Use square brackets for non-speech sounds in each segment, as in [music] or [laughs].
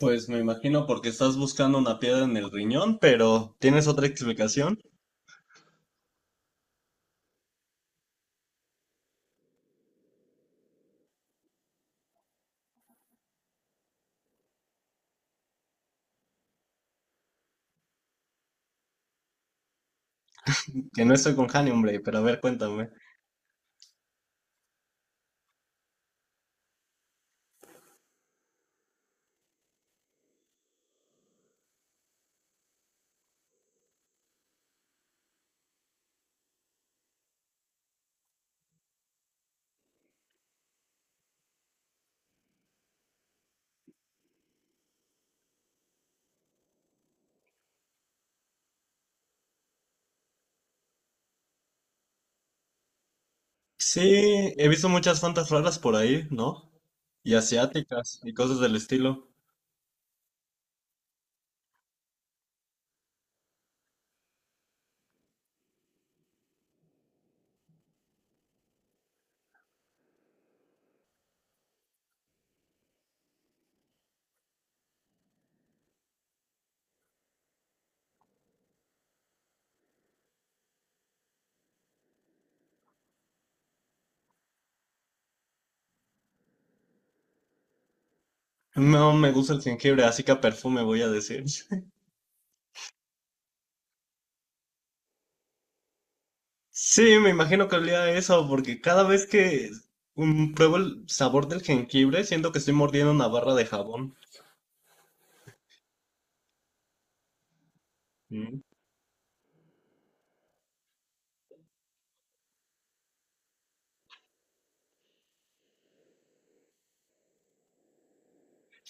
Pues me imagino porque estás buscando una piedra en el riñón, pero ¿tienes otra explicación? Que no estoy con Hani, hombre, pero a ver, cuéntame. Sí, he visto muchas fantas raras por ahí, ¿no? Y asiáticas y cosas del estilo. No me gusta el jengibre, así que a perfume voy a decir. [laughs] Sí, me imagino que olía a eso, porque cada vez que pruebo el sabor del jengibre, siento que estoy mordiendo una barra de jabón.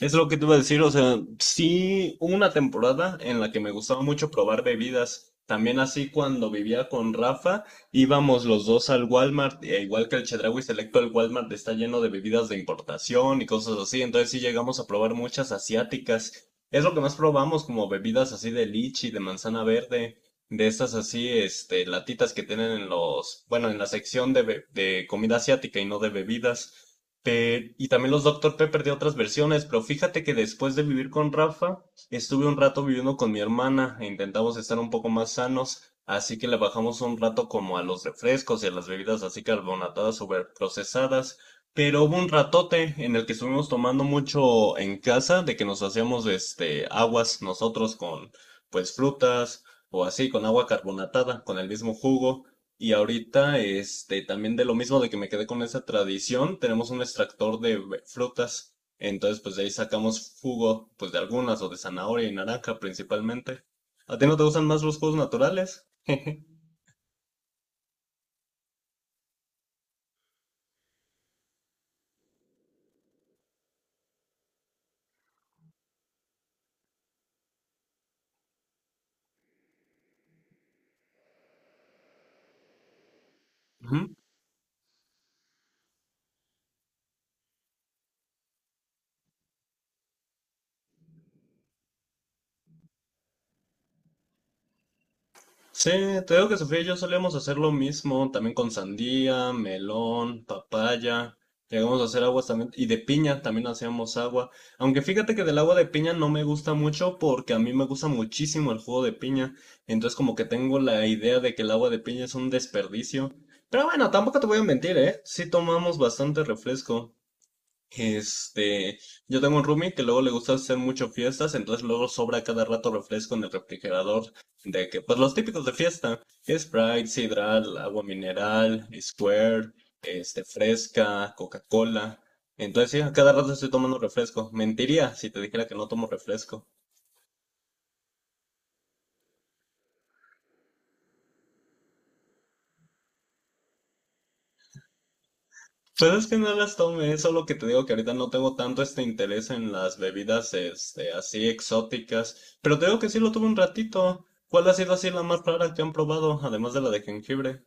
Es lo que te iba a decir, o sea, sí hubo una temporada en la que me gustaba mucho probar bebidas. También así cuando vivía con Rafa, íbamos los dos al Walmart, e igual que el Chedraui Selecto, el Walmart está lleno de bebidas de importación y cosas así, entonces sí llegamos a probar muchas asiáticas. Es lo que más probamos, como bebidas así de lichi, de manzana verde, de estas así, latitas que tienen en los, bueno, en la sección de, de comida asiática y no de bebidas. Y también los Doctor Pepper de otras versiones, pero fíjate que después de vivir con Rafa, estuve un rato viviendo con mi hermana e intentamos estar un poco más sanos, así que le bajamos un rato como a los refrescos y a las bebidas así carbonatadas super procesadas, pero hubo un ratote en el que estuvimos tomando mucho en casa, de que nos hacíamos aguas nosotros con pues frutas o así con agua carbonatada, con el mismo jugo. Y ahorita, también de lo mismo de que me quedé con esa tradición, tenemos un extractor de frutas. Entonces, pues de ahí sacamos jugo, pues de algunas, o de zanahoria y naranja principalmente. ¿A ti no te gustan más los jugos naturales? [laughs] Ujú. Sí, te digo que Sofía y yo solíamos hacer lo mismo, también con sandía, melón, papaya, llegamos a hacer aguas también, y de piña también hacíamos agua, aunque fíjate que del agua de piña no me gusta mucho porque a mí me gusta muchísimo el jugo de piña, entonces como que tengo la idea de que el agua de piña es un desperdicio, pero bueno, tampoco te voy a mentir, ¿eh? Sí tomamos bastante refresco. Este, yo tengo un roomie que luego le gusta hacer mucho fiestas, entonces luego sobra cada rato refresco en el refrigerador, de que, pues los típicos de fiesta, Sprite, Sidral, agua mineral, Square, fresca, Coca-Cola. Entonces sí, a cada rato estoy tomando refresco. Mentiría si te dijera que no tomo refresco. Pues es que no las tomé, es solo que te digo que ahorita no tengo tanto interés en las bebidas así exóticas, pero te digo que sí lo tuve un ratito. ¿Cuál ha sido así la más rara que han probado, además de la de jengibre?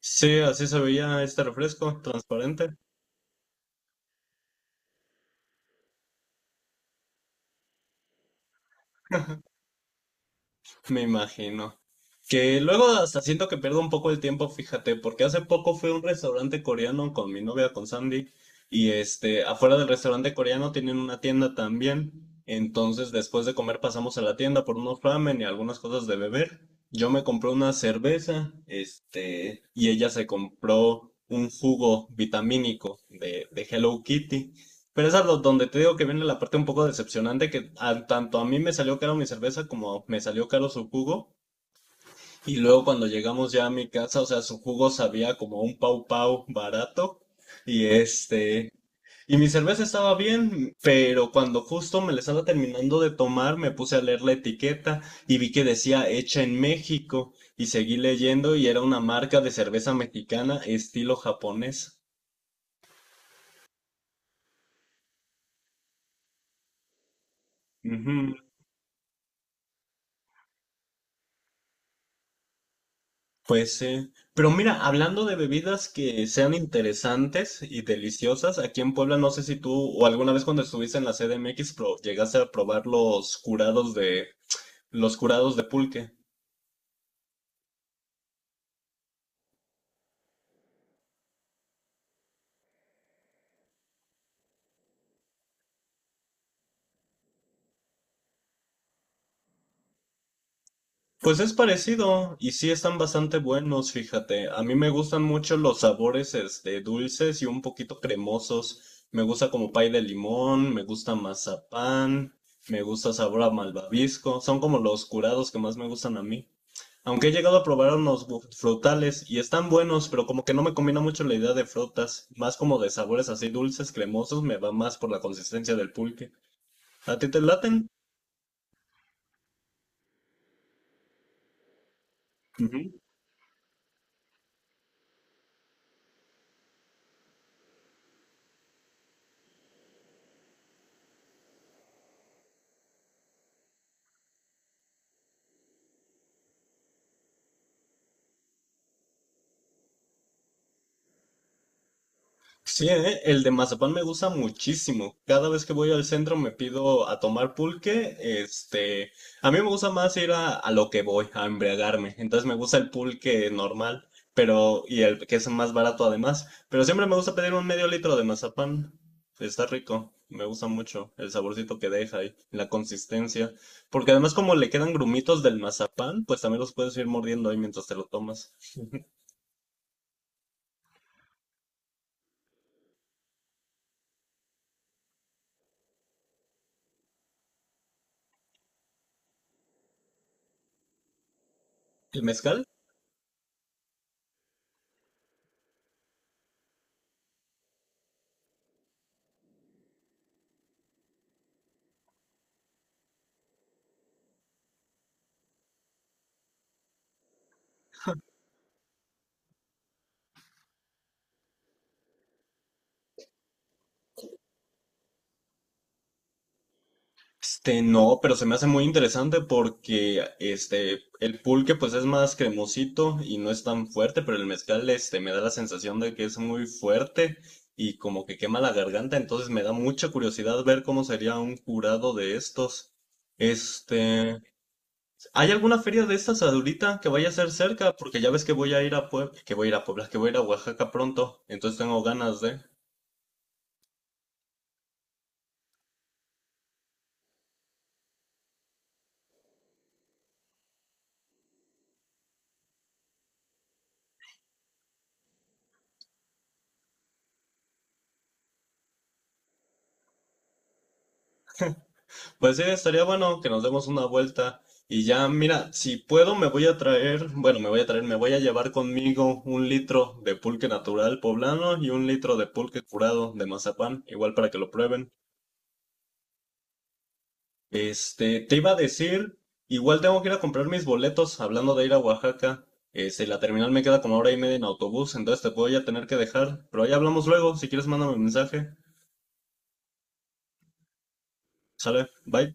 Sí, así se veía este refresco, transparente. [laughs] Me imagino. Que luego hasta siento que pierdo un poco el tiempo, fíjate, porque hace poco fui a un restaurante coreano con mi novia, con Sandy, y afuera del restaurante coreano tienen una tienda también. Entonces, después de comer pasamos a la tienda por unos ramen y algunas cosas de beber. Yo me compré una cerveza, y ella se compró un jugo vitamínico de Hello Kitty. Pero es donde te digo que viene la parte un poco decepcionante, que tanto a mí me salió caro mi cerveza como me salió caro su jugo. Y luego cuando llegamos ya a mi casa, o sea, su jugo sabía como un pau pau barato. Y este, y mi cerveza estaba bien, pero cuando justo me la estaba terminando de tomar, me puse a leer la etiqueta y vi que decía hecha en México. Y seguí leyendo y era una marca de cerveza mexicana estilo japonés. Pues sí. Pero mira, hablando de bebidas que sean interesantes y deliciosas, aquí en Puebla no sé si tú o alguna vez cuando estuviste en la CDMX llegaste a probar los curados de pulque. Pues es parecido y sí están bastante buenos, fíjate. A mí me gustan mucho los sabores dulces y un poquito cremosos. Me gusta como pay de limón, me gusta mazapán, me gusta sabor a malvavisco. Son como los curados que más me gustan a mí. Aunque he llegado a probar unos frutales y están buenos, pero como que no me combina mucho la idea de frutas, más como de sabores así dulces, cremosos, me va más por la consistencia del pulque. ¿A ti te laten? Sí, ¿eh? El de mazapán me gusta muchísimo. Cada vez que voy al centro me pido a tomar pulque. A mí me gusta más ir a lo que voy, a embriagarme. Entonces me gusta el pulque normal, pero y el que es más barato además. Pero siempre me gusta pedir un medio litro de mazapán. Está rico, me gusta mucho el saborcito que deja y la consistencia. Porque además como le quedan grumitos del mazapán, pues también los puedes ir mordiendo ahí mientras te lo tomas. ¿El mezcal? No, pero se me hace muy interesante porque el pulque pues es más cremosito y no es tan fuerte, pero el mezcal me da la sensación de que es muy fuerte y como que quema la garganta, entonces me da mucha curiosidad ver cómo sería un curado de estos. Este, ¿Hay alguna feria de estas ahorita que vaya a ser cerca? Porque ya ves que voy a ir a Puebla, que voy a ir a Oaxaca pronto, entonces tengo ganas de. Pues sí, estaría bueno que nos demos una vuelta y ya, mira, si puedo me voy a traer, me voy a llevar conmigo un litro de pulque natural poblano y un litro de pulque curado de mazapán, igual para que lo prueben. Te iba a decir, igual tengo que ir a comprar mis boletos, hablando de ir a Oaxaca, la terminal me queda como hora y media en autobús, entonces te voy a tener que dejar, pero ahí hablamos luego, si quieres mándame un mensaje, sale, bye.